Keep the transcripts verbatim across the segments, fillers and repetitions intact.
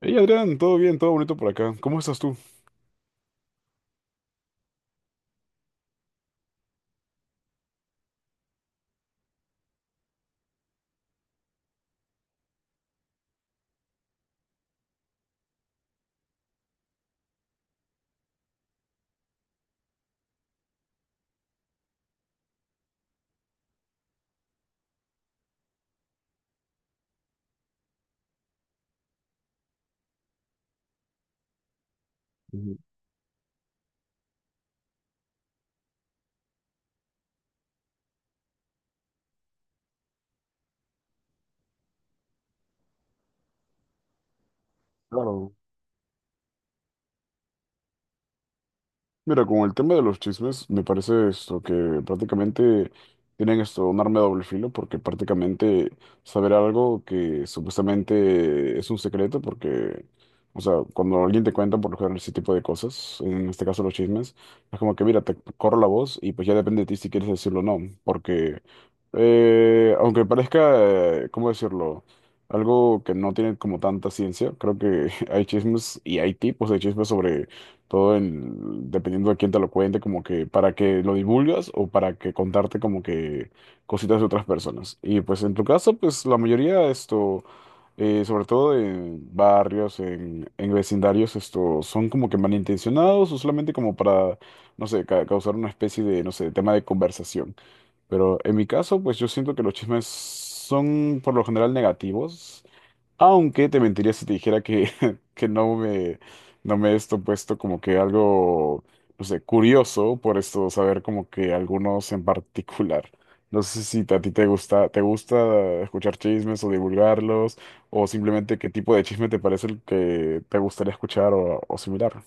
Hey Adrián, todo bien, todo bonito por acá. ¿Cómo estás tú? Ujú. Claro. Mira, con el tema de los chismes, me parece esto que prácticamente tienen esto un arma de doble filo, porque prácticamente saber algo que supuestamente es un secreto, porque, o sea, cuando alguien te cuenta por lo general ese tipo de cosas, en este caso los chismes, es como que, mira, te corro la voz y pues ya depende de ti si quieres decirlo o no, porque eh, aunque parezca, eh, ¿cómo decirlo? Algo que no tiene como tanta ciencia, creo que hay chismes y hay tipos de chismes sobre todo en, dependiendo de quién te lo cuente, como que para que lo divulgas o para que contarte como que cositas de otras personas. Y pues en tu caso, pues la mayoría esto, eh, sobre todo en barrios, en, en vecindarios, esto son como que malintencionados o solamente como para, no sé, ca- causar una especie de, no sé, tema de conversación. Pero en mi caso, pues yo siento que los chismes son por lo general negativos. Aunque te mentiría si te dijera que, que no me, no me he esto puesto como que algo, no sé, curioso por esto, saber como que algunos en particular. No sé si a ti te gusta, te gusta escuchar chismes o divulgarlos, o simplemente qué tipo de chisme te parece el que te gustaría escuchar o, o similar.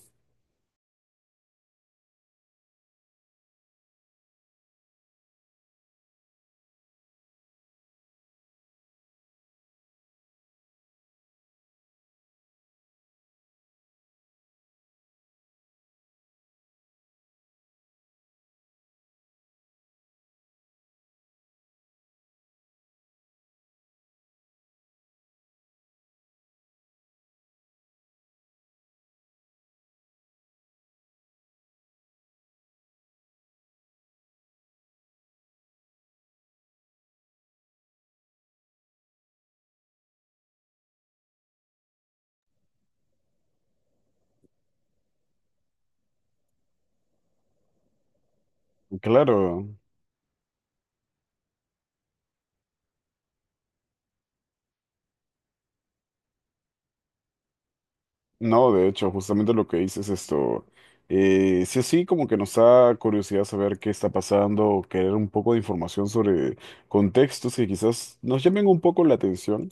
Claro. No, de hecho, justamente lo que dices esto, eh, sí, sí, como que nos da curiosidad saber qué está pasando, querer un poco de información sobre contextos que quizás nos llamen un poco la atención.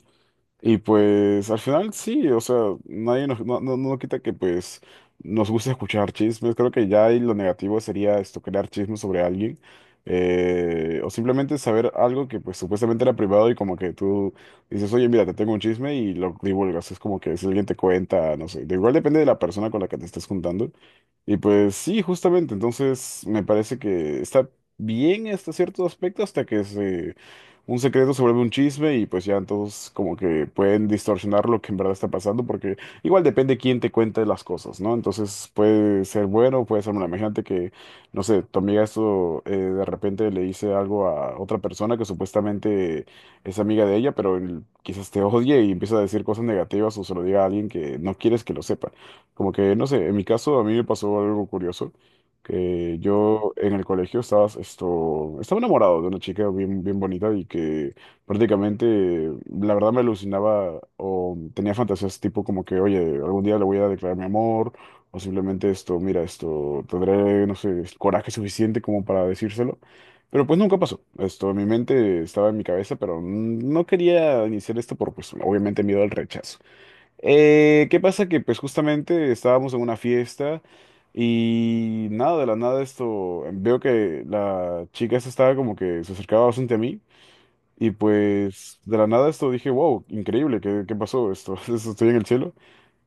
Y pues al final sí, o sea, nadie nos, no, no, no quita que pues nos gusta escuchar chismes. Creo que ya ahí lo negativo sería esto, crear chismes sobre alguien. eh, o simplemente saber algo que pues supuestamente era privado y como que tú dices, oye, mira, te tengo un chisme y lo divulgas. Es como que si alguien te cuenta, no sé. De igual depende de la persona con la que te estés juntando. Y pues sí, justamente. Entonces me parece que está bien hasta cierto aspecto hasta que se un secreto se vuelve un chisme y pues ya todos como que pueden distorsionar lo que en verdad está pasando porque igual depende quién te cuente las cosas, ¿no? Entonces puede ser bueno, puede ser malo. Imagínate que, no sé, tu amiga esto eh, de repente le dice algo a otra persona que supuestamente es amiga de ella, pero él quizás te odie y empieza a decir cosas negativas o se lo diga a alguien que no quieres que lo sepa. Como que, no sé, en mi caso a mí me pasó algo curioso que yo en el colegio estaba, esto, estaba enamorado de una chica bien, bien bonita y que prácticamente, la verdad, me alucinaba o tenía fantasías tipo como que, oye, algún día le voy a declarar mi amor o simplemente esto, mira, esto, tendré, no sé, el coraje suficiente como para decírselo. Pero pues nunca pasó. Esto en mi mente estaba en mi cabeza, pero no quería iniciar esto por, pues, obviamente miedo al rechazo. Eh, ¿qué pasa? Que pues justamente estábamos en una fiesta y nada, de la nada esto, veo que la chica esta estaba como que se acercaba bastante a mí y pues de la nada esto dije, wow, increíble, ¿qué, ¿qué pasó esto? Esto, estoy en el cielo.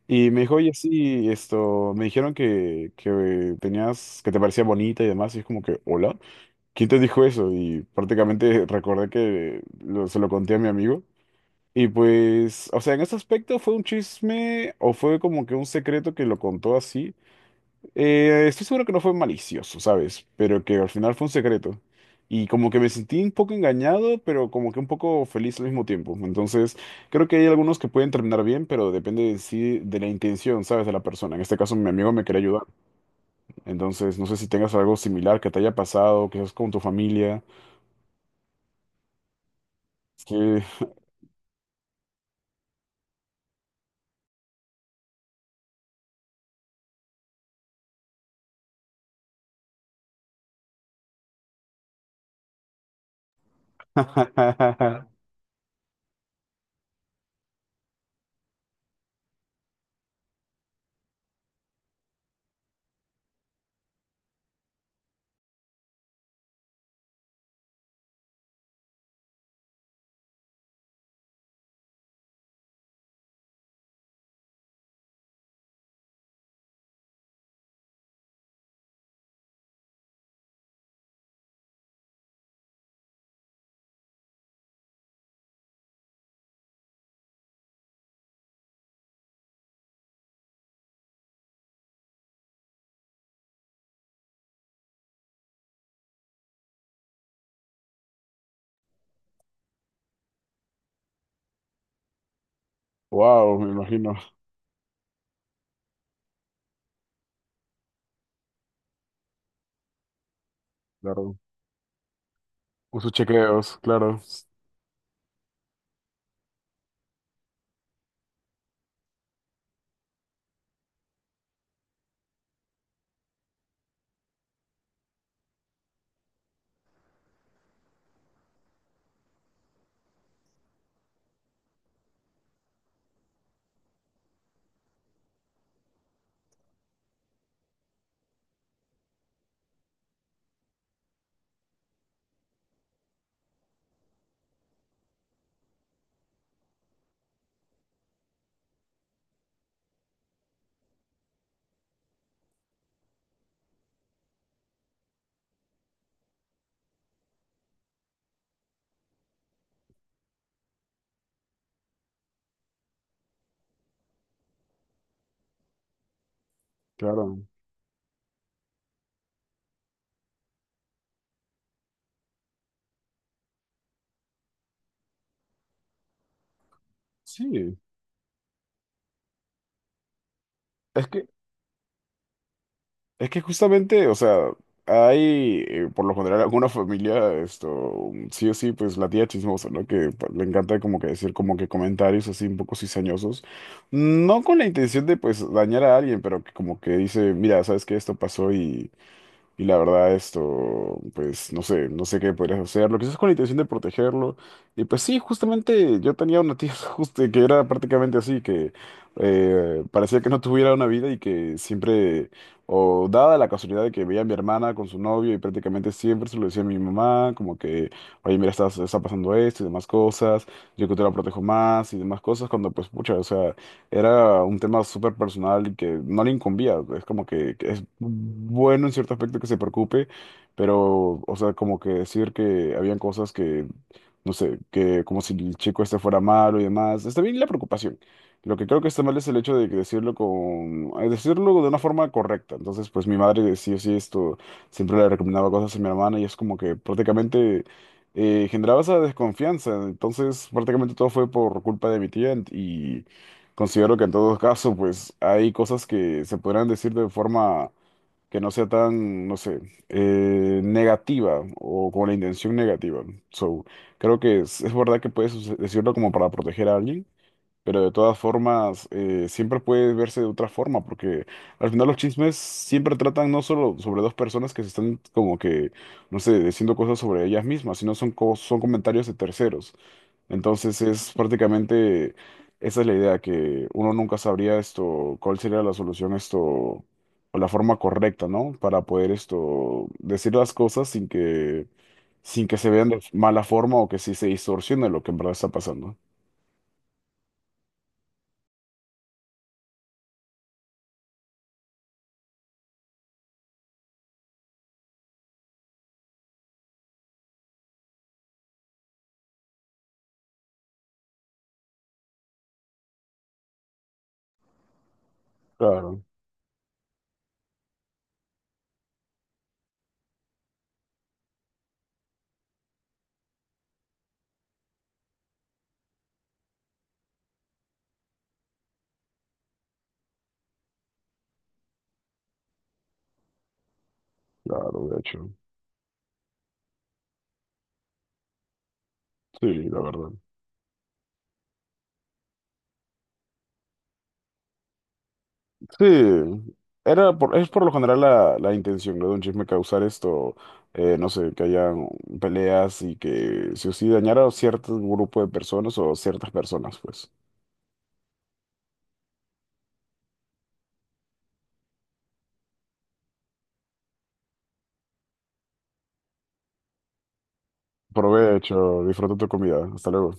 Y me dijo, oye, sí, esto, me dijeron que, que tenías, que te parecía bonita y demás y es como que, hola, ¿quién te dijo eso? Y prácticamente recordé que lo- se lo conté a mi amigo. Y pues, o sea, en ese aspecto fue un chisme o fue como que un secreto que lo contó así. Eh, estoy seguro que no fue malicioso, ¿sabes? Pero que al final fue un secreto. Y como que me sentí un poco engañado, pero como que un poco feliz al mismo tiempo. Entonces, creo que hay algunos que pueden terminar bien, pero depende de sí, de la intención, ¿sabes? De la persona. En este caso, mi amigo me quería ayudar. Entonces, no sé si tengas algo similar que te haya pasado, que es con tu familia. Sí. Wow, me imagino. Claro. O sus chequeos, claro, claro. Sí, es que, es que justamente, o sea, hay, eh, por lo general, alguna familia, esto, sí o sí, pues la tía chismosa, ¿no? Que pa- le encanta como que decir como que comentarios así un poco cizañosos, no con la intención de pues dañar a alguien, pero que como que dice, mira, sabes que esto pasó y Y la verdad, esto, pues no sé, no sé qué podrías hacer. Lo que sí es con la intención de protegerlo. Y pues sí, justamente yo tenía una tía justo que era prácticamente así, que eh, parecía que no tuviera una vida y que siempre, o dada la casualidad de que veía a mi hermana con su novio y prácticamente siempre se lo decía a mi mamá, como que, oye, mira, está, está pasando esto y demás cosas, yo que te la protejo más y demás cosas, cuando pues, pucha, o sea era un tema súper personal y que no le incumbía. Es como que que es bueno en cierto aspecto que se preocupe, pero, o sea, como que decir que habían cosas que, no sé, que como si el chico este fuera malo y demás. Está bien la preocupación. Lo que creo que está mal es el hecho de que decirlo con, eh, decirlo de una forma correcta. Entonces, pues mi madre sí o sí esto, siempre le recomendaba cosas a mi hermana y es como que prácticamente eh, generaba esa desconfianza. Entonces, prácticamente todo fue por culpa de mi tía y considero que en todo caso, pues hay cosas que se podrán decir de forma que no sea tan, no sé, eh, negativa o con la intención negativa. So, creo que es, es verdad que puedes us- decirlo como para proteger a alguien, pero de todas formas eh, siempre puede verse de otra forma, porque al final los chismes siempre tratan no solo sobre dos personas que se están como que, no sé, diciendo cosas sobre ellas mismas, sino son, co- son comentarios de terceros. Entonces es prácticamente, esa es la idea, que uno nunca sabría esto, cuál sería la solución esto, o la forma correcta, ¿no? Para poder esto, decir las cosas sin que, sin que se vean de mala forma o que sí se distorsione lo que en verdad está pasando. Claro, claro, de hecho. Sí, la verdad. Sí, era por, es por lo general la, la intención, ¿no? De un chisme causar esto, eh, no sé, que haya peleas y que sí o sí dañara a cierto grupo de personas o ciertas personas, pues. Provecho, disfruta tu comida. Hasta luego.